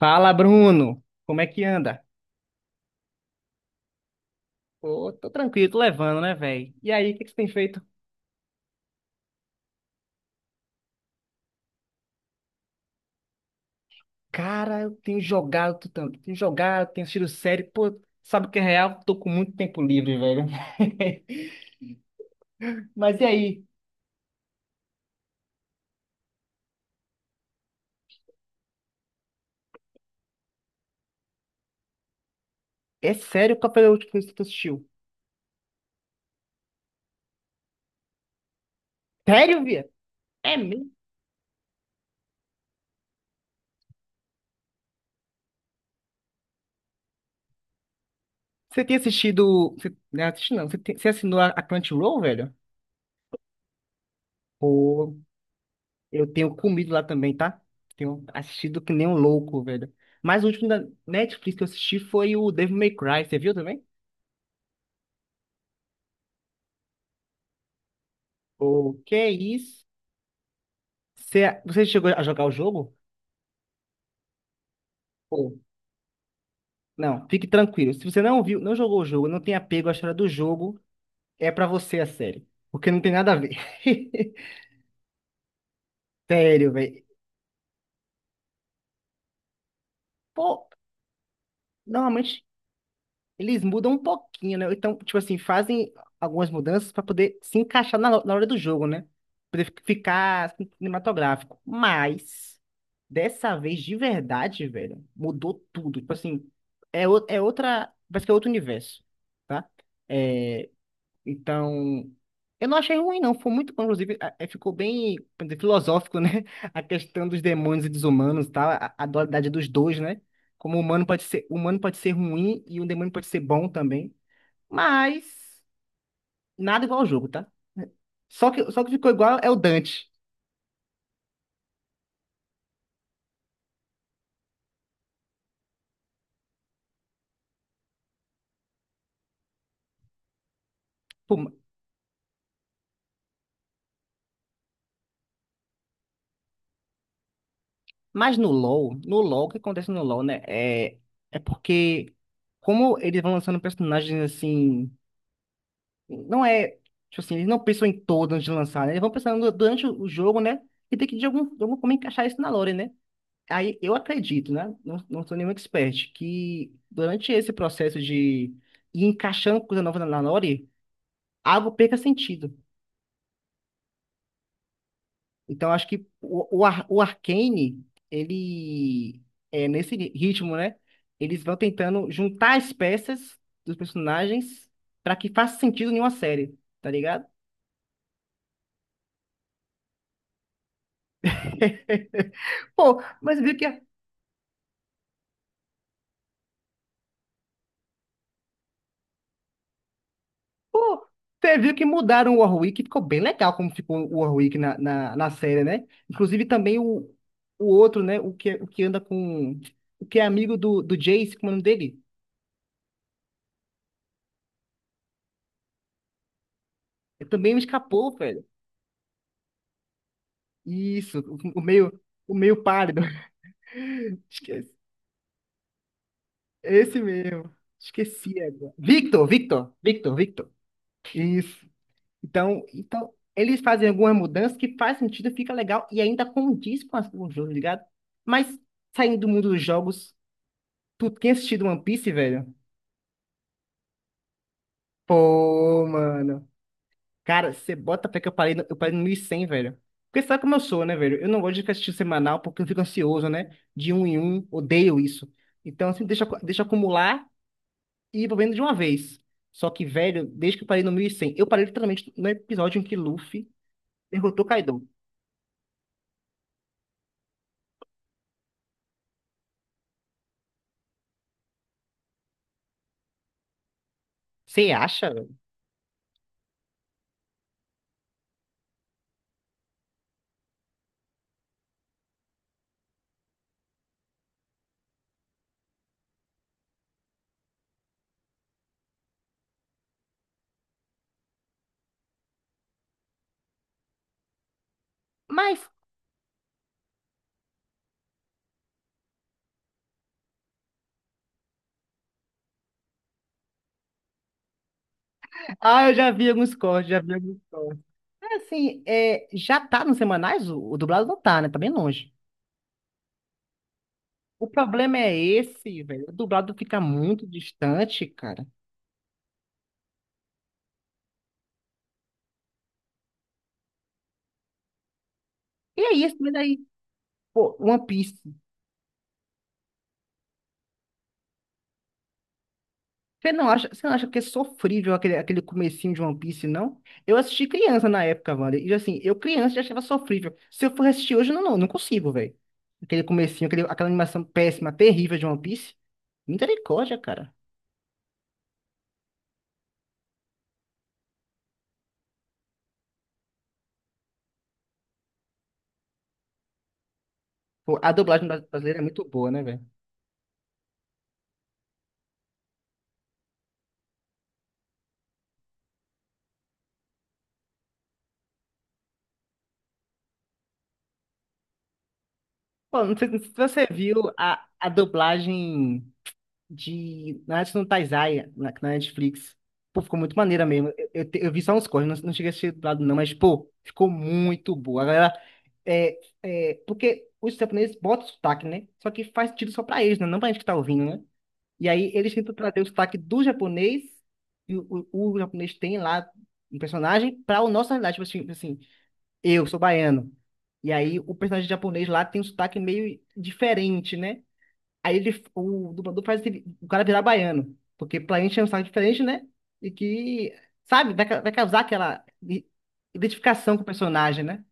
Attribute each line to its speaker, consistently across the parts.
Speaker 1: Fala, Bruno. Como é que anda? Pô, tô tranquilo, tô levando, né, velho? E aí, o que que você tem feito? Cara, eu tenho jogado tu tanto. Tenho jogado, tenho assistido série. Pô, sabe o que é real? Tô com muito tempo livre, velho. Mas e aí? É sério, qual foi a última coisa que tu assistiu? Sério, Via? É mesmo? Você tem assistido. Não, assisti não. Você assinou a Crunchyroll, velho? Pô, eu tenho comido lá também, tá? Tenho assistido que nem um louco, velho. Mas o último da Netflix que eu assisti foi o Devil May Cry. Você viu também? O que é isso? Você chegou a jogar o jogo? Ou não, fique tranquilo. Se você não viu, não jogou o jogo, não tem apego à história do jogo, é pra você a série. Porque não tem nada a ver. Sério, velho. Pô, normalmente eles mudam um pouquinho, né? Então, tipo assim, fazem algumas mudanças para poder se encaixar na hora do jogo, né? Poder ficar cinematográfico. Mas, dessa vez, de verdade, velho, mudou tudo. Tipo assim, é outra. Parece que é outro universo, tá? É, então, eu não achei ruim, não. Foi muito bom, inclusive, ficou bem, como dizer, filosófico, né? A questão dos demônios e dos humanos, tá? A dualidade dos dois, né? Como o humano pode ser, o humano pode ser ruim e o demônio pode ser bom também. Mas nada igual ao jogo, tá? Só que ficou igual é o Dante. Pô, mas no LoL, o que acontece no LoL, né? É porque como eles vão lançando personagens assim. Não é, tipo assim, eles não pensam em todo antes de lançar, né? Eles vão pensando durante o jogo, né? E tem que de alguma forma encaixar isso na lore, né? Aí eu acredito, né? Não, não sou nenhum expert, que durante esse processo de ir encaixando coisa nova na lore, algo perca sentido. Então acho que o Arcane, ele é nesse ritmo, né? Eles vão tentando juntar as peças dos personagens para que faça sentido em uma série, tá ligado? Pô, mas viu que Pô, você viu que mudaram o Warwick, ficou bem legal como ficou o Warwick na série, né? Inclusive também o outro, né? O que anda com. O que é amigo do Jace, como é o nome dele? Ele também me escapou, velho. Isso, o meio pálido. Esquece. Esse mesmo. Esqueci agora. Victor, Victor, Victor, Victor. Isso. Então, eles fazem algumas mudanças que faz sentido, fica legal e ainda condiz com, as, com o jogo, tá ligado? Mas saindo do mundo dos jogos. Tu tinha assistido One Piece, velho? Pô, mano. Cara, você bota até que eu parei no 1.100, velho. Porque sabe como eu sou, né, velho? Eu não gosto de ficar assistindo semanal porque eu fico ansioso, né? De um em um, odeio isso. Então, assim, deixa acumular e vou vendo de uma vez. Só que, velho, desde que eu parei no 1.100, eu parei literalmente no episódio em que Luffy derrotou Kaido. Você acha, velho? Mas, eu já vi alguns cortes, já vi alguns cortes. É assim, já tá nos semanais? O dublado não tá, né? Tá bem longe. O problema é esse, velho. O dublado fica muito distante, cara. E aí, esse daí, pô, One Piece. Você não acha que é sofrível aquele comecinho de One Piece, não? Eu assisti criança na época, mano. E assim, eu criança já achava sofrível. Se eu for assistir hoje, eu não consigo, velho. Aquele comecinho, aquela animação péssima, terrível de One Piece. Misericórdia, cara. Pô, a dublagem brasileira é muito boa, né, velho? Pô, não sei se você viu a dublagem de Nanatsu no Taizai na Netflix. Pô, ficou muito maneira mesmo. Eu vi só uns cortes, não, não cheguei a assistir do lado não, mas, pô, ficou muito boa. A galera, porque os japoneses botam sotaque, né? Só que faz sentido só pra eles, né? Não pra gente que tá ouvindo, né? E aí eles tentam trazer o sotaque do japonês, e o japonês tem lá um personagem, pra o nosso realidade. Tipo assim, eu sou baiano. E aí o personagem japonês lá tem um sotaque meio diferente, né? Aí ele, o dublador faz o cara virar baiano, porque preenche é um sotaque diferente, né? E que, sabe, vai causar aquela identificação com o personagem, né?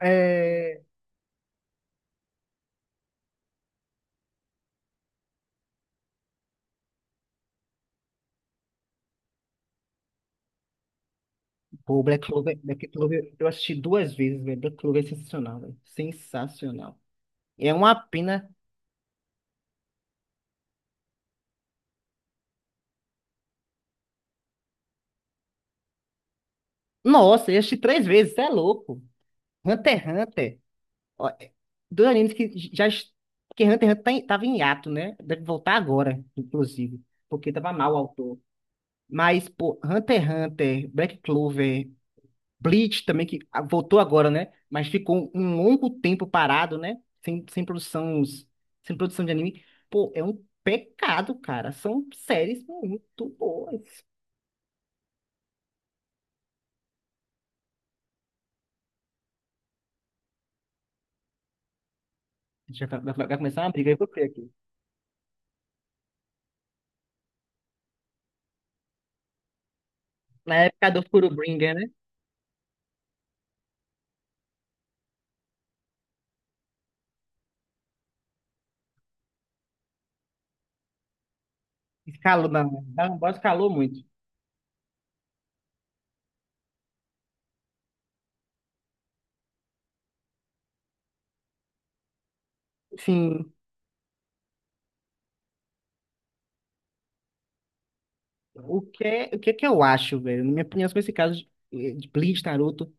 Speaker 1: É. Pô, Black Clover, Black Clover, eu assisti duas vezes, velho. Black Clover é sensacional, velho. Sensacional. É uma pena. Nossa, eu assisti três vezes, você é louco. Hunter x Hunter. Ó, dois animes que já. Que Hunter x Hunter tava em hiato, né? Deve voltar agora, inclusive. Porque tava mal o autor. Mas, pô, Hunter x Hunter, Black Clover, Bleach também, que voltou agora, né? Mas ficou um longo tempo parado, né? Sem produção, sem produção de anime. Pô, é um pecado, cara. São séries muito boas. Já vai, vai começar uma briga aí com você aqui. Na época do Furubringer, né? Escalou, não. Dragon Ball escalou muito. Sim. O que é que eu acho, velho? Na minha opinião, sobre esse caso de Bleach, Naruto,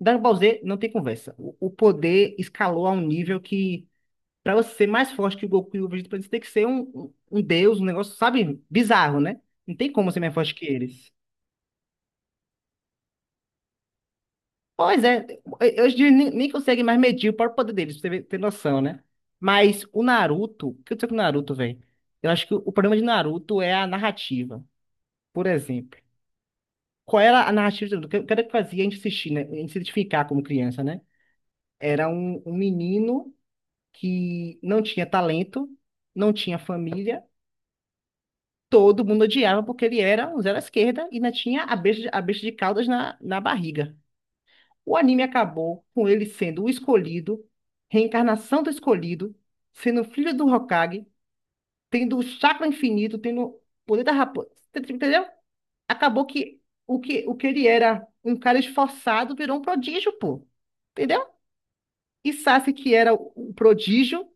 Speaker 1: Dragon Ball Z não tem conversa. O poder escalou a um nível que, pra você ser mais forte que o Goku e o Vegeta, pra você tem que ser um, um deus, um negócio, sabe, bizarro, né? Não tem como ser mais forte que eles. Pois é, hoje em dia nem, consegue mais medir o próprio poder deles, pra você ter noção, né? Mas o Naruto, o que eu sei com o Naruto, velho? Eu acho que o problema de Naruto é a narrativa, por exemplo. Qual era a narrativa do que o que era que fazia a gente assistir, né? A gente se identificar como criança, né? Era um menino que não tinha talento, não tinha família, todo mundo odiava porque ele era um zero à esquerda e ainda tinha a besta, a besta de caudas na barriga. O anime acabou com ele sendo o escolhido, reencarnação do escolhido, sendo filho do Hokage, tendo o chakra infinito, tendo o poder da raposa. Entendeu? Acabou que o que, ele era um cara esforçado virou um prodígio, pô. Entendeu? E Sasuke, que era o prodígio,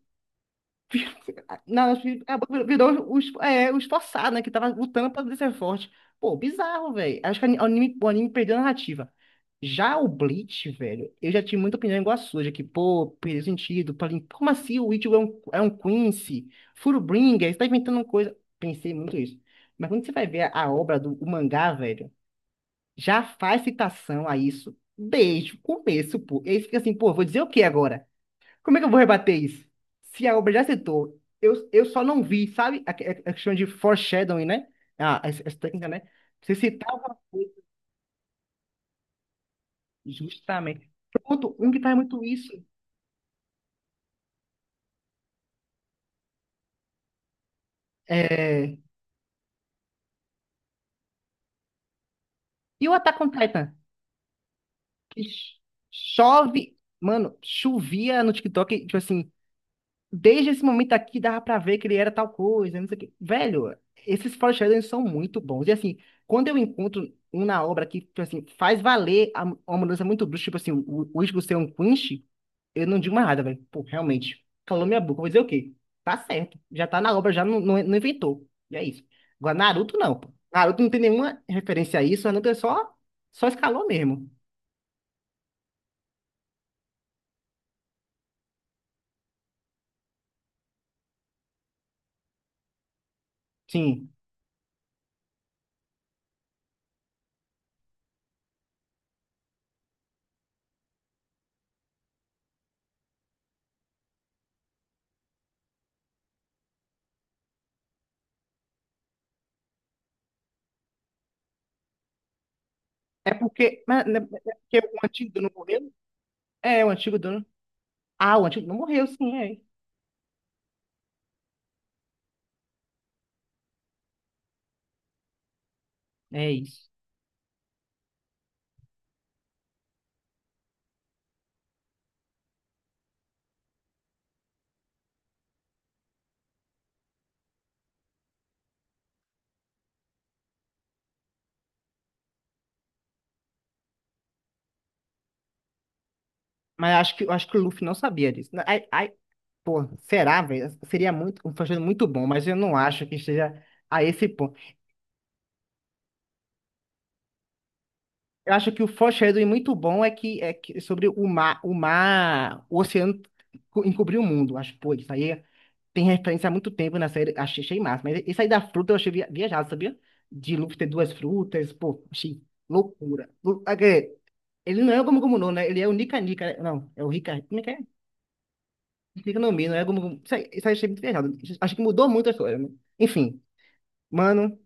Speaker 1: na- acabou que virou o esforçado, né? Que tava lutando pra ser forte. Pô, bizarro, velho. Acho que o anime perdeu a narrativa. Já o Bleach, velho, eu já tive muita opinião igual a sua, de que, pô, perdeu sentido. Como assim o Ichigo é um Quincy? Fullbringer, você tá inventando coisa. Pensei muito isso. Mas quando você vai ver a obra do o mangá, velho. Já faz citação a isso desde o começo, pô. E aí fica assim, pô, vou dizer o que agora? Como é que eu vou rebater isso? Se a obra já citou, eu só não vi, sabe? A questão de foreshadowing, né? Ah, essa técnica, né? Você citar uma coisa, justamente. Pronto, um que faz muito isso. É. E o Attack on Titan? Que chove, mano, chovia no TikTok, tipo assim. Desde esse momento aqui dava pra ver que ele era tal coisa, não sei o quê. Velho, esses foreshadowings são muito bons. E assim, quando eu encontro um na obra que, tipo assim, faz valer uma mudança muito brusca, tipo assim, o Ichigo ser um Quinch, eu não digo mais nada, velho. Pô, realmente, calou minha boca. Vou dizer o quê? Tá certo. Já tá na obra, já não inventou. E é isso. Agora, Naruto não, pô. Naruto não tem nenhuma referência a isso, Naruto é só escalou mesmo. Sim. É porque, mas, né, é porque o antigo dono morreu? É, o antigo dono. Ah, o Antídoto morreu, sim, é. É isso. Mas acho que, eu acho que o Luffy não sabia disso. Ai, ai, pô, será, velho? Seria muito, um foreshadowing muito bom, mas eu não acho que esteja a esse ponto. Eu acho que o foreshadowing muito bom é que sobre o oceano encobrir o mundo. Acho, pô, isso aí tem referência há muito tempo na série. Achei massa. Mas isso aí da fruta eu achei viajado, sabia? De Luffy ter duas frutas, pô, achei loucura. Lu- ah, quer Ele não é o Gomu Gomu no, né? Ele é o Nika Nika, né? Não, é o Rika. Economia, não é como. Isso aí eu achei muito viajado. Acho que mudou muito a história, né? Enfim, mano,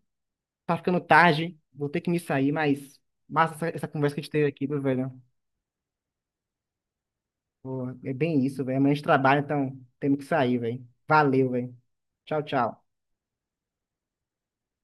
Speaker 1: tá ficando tarde. Vou ter que me sair, mas massa essa conversa que a gente teve aqui, meu velho. Pô, é bem isso, velho. Amanhã a gente trabalha, então temos que sair, velho. Valeu, velho. Tchau, tchau.